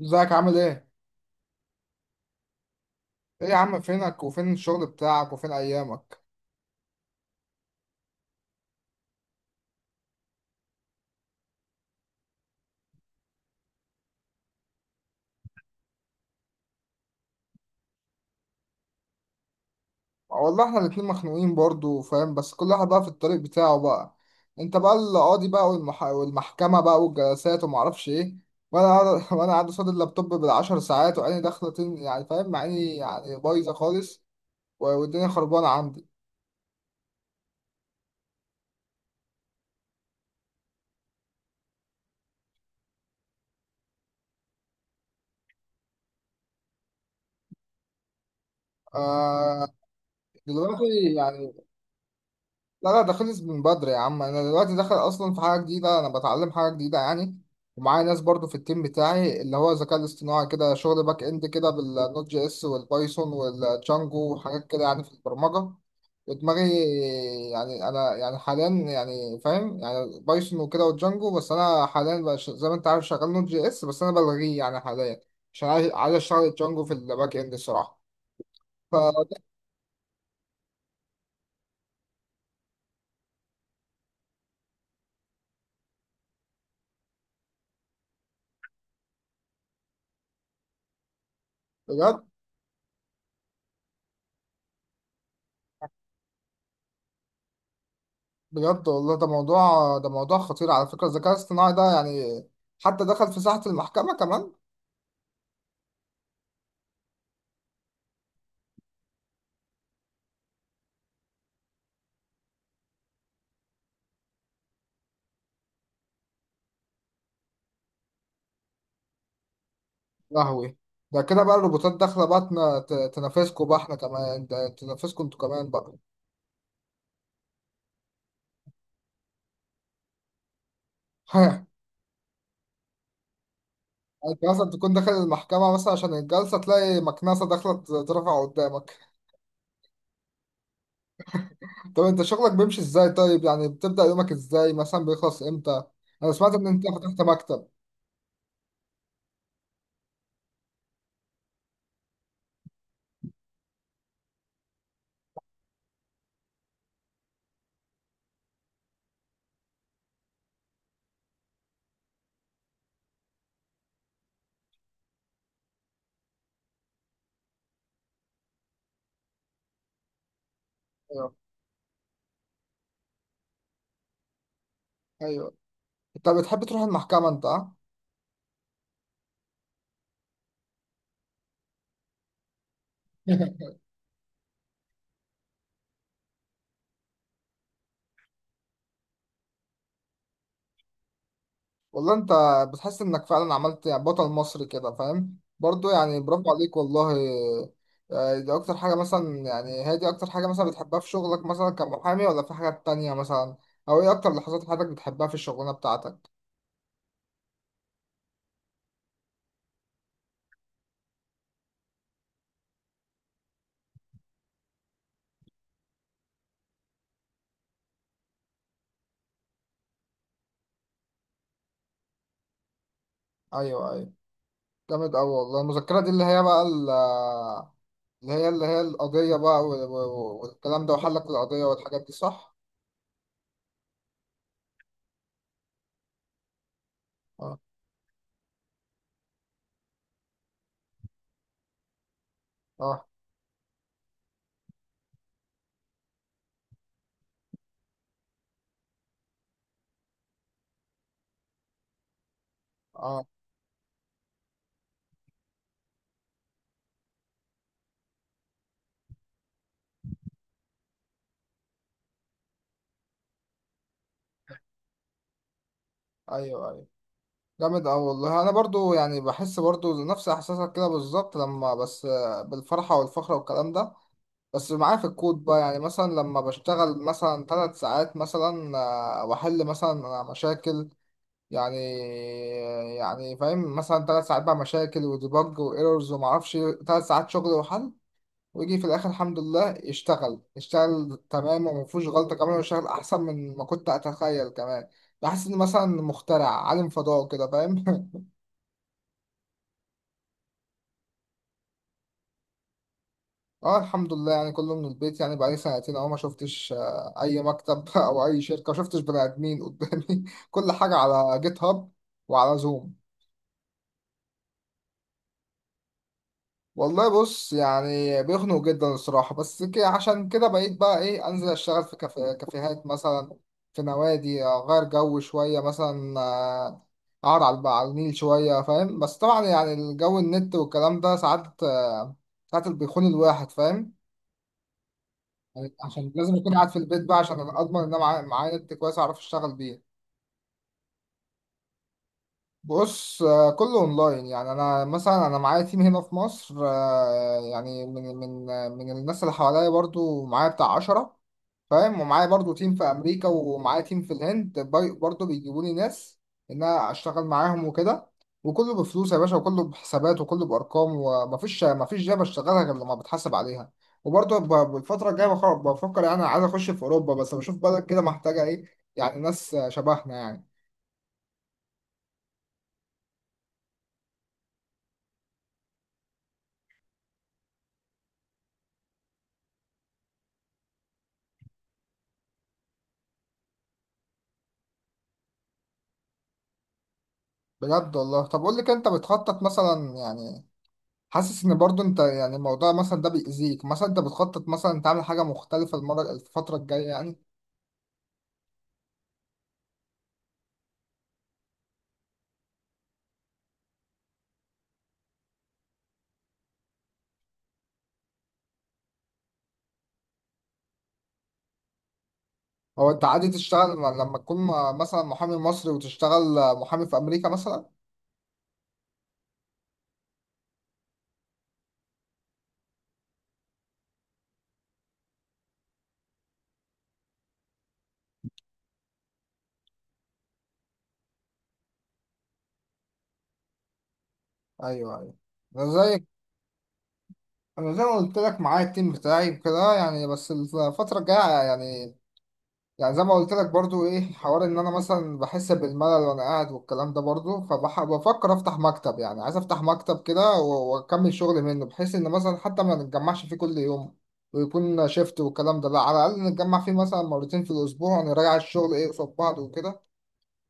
ازيك عامل ايه؟ ايه يا عم، فينك وفين الشغل بتاعك وفين ايامك؟ والله احنا الاتنين مخنوقين برضو فاهم، بس كل واحد بقى في الطريق بتاعه بقى. انت بقى القاضي بقى، والمحكمة بقى والجلسات ومعرفش ايه. وانا قاعد وانا قاعد قصاد اللابتوب بالعشر ساعات، وعيني داخلة يعني فاهم، عيني يعني بايظة خالص. والدنيا خربانة عندي. آه، دلوقتي، يعني، لا لا، ده خلص من بدري يا عم. انا دلوقتي داخل اصلا في حاجه جديده، انا بتعلم حاجه جديده يعني. ومعايا ناس برضو في التيم بتاعي، اللي هو الذكاء الاصطناعي كده، شغل باك اند كده بالنوت جي اس والبايثون والجانجو وحاجات كده يعني، في البرمجه. ودماغي، يعني انا يعني حاليا يعني فاهم، يعني بايثون وكده والجانجو. بس انا حاليا بقى زي ما انت عارف شغال نوت جي اس، بس انا بلغيه يعني حاليا، عشان عايز اشتغل الجانجو في الباك اند الصراحه. ف- بجد، بجد والله، ده موضوع خطير على فكرة. الذكاء الاصطناعي ده يعني حتى دخل في ساحة المحكمة كمان. لهوي، ده كده بقى الروبوتات داخلة بقى تنافسكوا بقى، احنا كمان، ده تنافسكوا انتوا كمان بقى. يعني انت مثلا تكون داخل المحكمة مثلا عشان الجلسة، تلاقي مكنسة داخلة ترفع قدامك. طب انت شغلك بيمشي ازاي؟ طيب، يعني بتبدأ يومك ازاي؟ مثلا بيخلص امتى؟ انا سمعت ان انت فتحت مكتب. ايوه. ايوه. انت بتحب تروح المحكمة انت، ها؟ والله انت، بتحس انك فعلا عملت يعني بطل مصري كده، فاهم برضو، يعني برافو عليك والله. دي اكتر حاجة مثلا، يعني هي دي اكتر حاجة مثلا بتحبها في شغلك مثلا كمحامي؟ ولا في حاجات تانية مثلا؟ او ايه اكتر لحظات حياتك بتحبها في الشغلانة بتاعتك؟ ايوه. ايوه. جامد اوي والله. المذكرة دي اللي هي بقى اللي هي اللي هي القضية بقى، والكلام ده، وحلك القضية والحاجات دي، صح. اه. اه. اه. ايوه. ايوه. جامد أوي والله. أنا برضو يعني بحس برضو نفس إحساسك كده بالظبط، لما بس بالفرحة والفخر والكلام ده. بس معايا في الكود بقى، يعني مثلا لما بشتغل مثلا ثلاث ساعات مثلا، وأحل مثلا مشاكل يعني، يعني فاهم، مثلا ثلاث ساعات بقى مشاكل وديبج وإيرورز ومعرفش، ثلاث ساعات شغل وحل. ويجي في الآخر الحمد لله يشتغل، تمام ومفيهوش غلطة كمان، ويشتغل أحسن من ما كنت أتخيل كمان. بحس إن مثلا مخترع عالم فضاء كده، فاهم. اه الحمد لله، يعني كله من البيت يعني. بقالي سنتين اهو، ما شفتش اي مكتب او اي شركه. ما شفتش بني ادمين قدامي كل حاجه على جيت هاب وعلى زوم. والله بص، يعني بيخنق جدا الصراحه، بس كده عشان كده بقيت بقى ايه، انزل اشتغل في كافيهات مثلا، في نوادي، اغير جو شويه مثلا، اقعد على النيل شويه فاهم. بس طبعا يعني الجو، النت والكلام ده ساعات، ساعات بيخون الواحد فاهم. عشان لازم اكون قاعد في البيت بقى، عشان اضمن ان انا معايا نت كويس اعرف اشتغل بيه. بص، كله اونلاين يعني. انا معايا تيم هنا في مصر، يعني من الناس اللي حواليا برضو، معايا بتاع عشرة فاهم. ومعايا برضو تيم في امريكا، ومعايا تيم في الهند برضو بيجيبوا لي ناس ان انا اشتغل معاهم وكده. وكله بفلوس يا باشا، وكله بحسابات، وكله بارقام. مفيش جاب اشتغلها غير لما بتحاسب عليها. وبرضو بالفتره الجايه بفكر، يعني عايز اخش في اوروبا، بس بشوف بلد كده محتاجه ايه، يعني ناس شبهنا يعني. بجد والله. طب قول لي كده، انت بتخطط مثلا يعني، حاسس ان برضو انت يعني الموضوع مثلا ده بيأذيك مثلا، انت بتخطط مثلا تعمل حاجه مختلفه الفتره الجايه يعني؟ هو انت عادي تشتغل لما تكون مثلا محامي مصري وتشتغل محامي في امريكا مثلا؟ ايوه. ايوه. انا زي انا زي ما قلت لك، معايا التيم بتاعي وكده يعني. بس الفتره الجايه يعني، يعني زي ما قلت لك برضو، ايه، حوار ان انا مثلا بحس بالملل وانا قاعد والكلام ده برضو. فبفكر افتح مكتب، يعني عايز افتح مكتب كده واكمل شغل منه، بحيث ان مثلا حتى ما نتجمعش فيه كل يوم، ويكون شيفت والكلام ده، لا، على الاقل نتجمع فيه مثلا مرتين في الاسبوع، ونراجع الشغل ايه قصاد بعض وكده.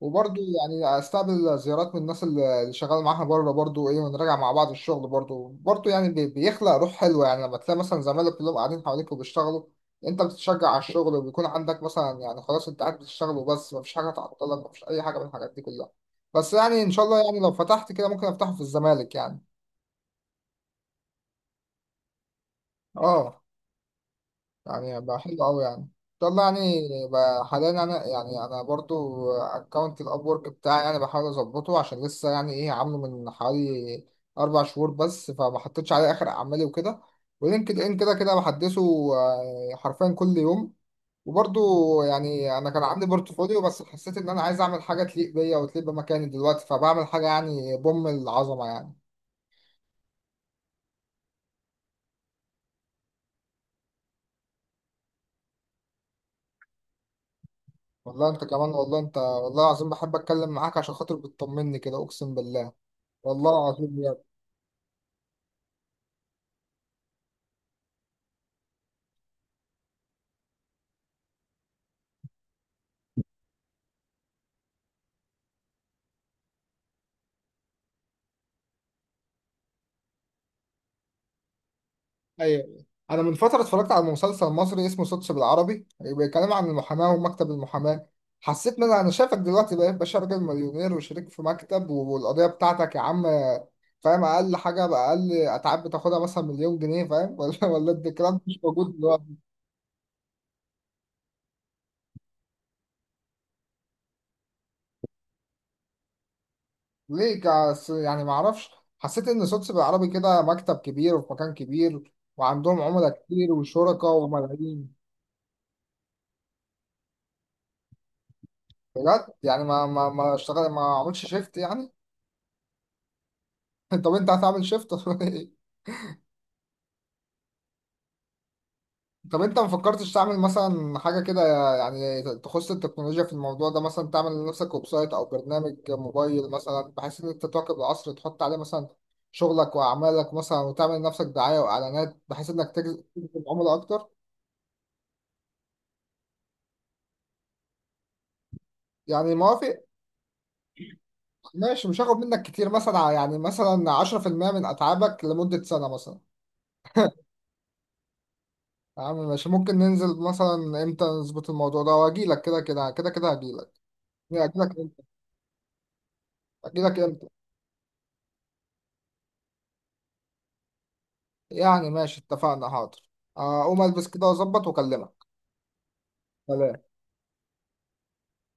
وبرضه يعني استقبل زيارات من الناس اللي شغال معاها بره برضه، ايه، ونراجع مع بعض الشغل برضه برضه يعني، بيخلق روح حلوه، يعني لما تلاقي مثلا زمايلك كلهم قاعدين حواليك وبيشتغلوا، انت بتتشجع على الشغل، وبيكون عندك مثلا يعني خلاص انت قاعد بتشتغل وبس، مفيش حاجه تعطلك، مفيش اي حاجه من الحاجات دي كلها. بس يعني ان شاء الله يعني لو فتحت كده، ممكن افتحه في الزمالك يعني. اه. يعني بقى حلو قوي يعني. طب ما يعني بقى، حاليا انا يعني، انا برضو اكونت الاب ورك بتاعي، يعني بحاول اظبطه عشان لسه، يعني ايه، عامله من حوالي اربع شهور بس، فما حطيتش عليه اخر اعمالي وكده. ولينكد ان كده كده بحدثه، حرفيا كل يوم. وبرضو يعني انا كان عندي بورتفوليو، بس حسيت ان انا عايز اعمل حاجه تليق بيا وتليق بمكاني دلوقتي، فبعمل حاجه يعني بوم العظمه يعني. والله انت كمان، والله انت، والله العظيم بحب اتكلم معاك عشان خاطر بتطمني كده، اقسم بالله. والله العظيم. ايوه. انا من فتره اتفرجت على مسلسل مصري اسمه سوتس بالعربي، بيتكلم عن المحاماه ومكتب المحاماه. حسيت ان أنا شايفك دلوقتي بقيت باشا، راجل مليونير وشريك في مكتب، والقضيه بتاعتك يا عم، فاهم، اقل حاجه باقل اتعاب بتاخدها مثلا مليون جنيه، فاهم. ولا ده الكلام مش موجود دلوقتي؟ ليه يعني ما اعرفش. حسيت ان سوتس بالعربي كده مكتب كبير وفي مكان كبير وعندهم عملاء كتير وشركاء وملايين. بجد؟ يعني ما اشتغل؟ ما عملش شيفت يعني؟ طب انت هتعمل شيفت؟ طب انت ما فكرتش تعمل مثلا حاجه كده يعني تخص التكنولوجيا في الموضوع ده؟ مثلا تعمل لنفسك ويب سايت او برنامج موبايل مثلا، بحيث ان انت تواكب العصر، تحط عليه مثلا شغلك واعمالك مثلا، وتعمل لنفسك دعايه واعلانات بحيث انك تجذب عملاء اكتر. يعني موافق؟ ماشي، مش هاخد منك كتير مثلا، يعني مثلا 10% من اتعابك لمده سنه مثلا. يا عم ماشي، ممكن ننزل مثلا امتى نظبط الموضوع ده، واجي لك كده كده هجي لك. اجي لك امتى اجي لك امتى؟ يعني ماشي اتفقنا. حاضر. اقوم البس كده واظبط واكلمك. سلام.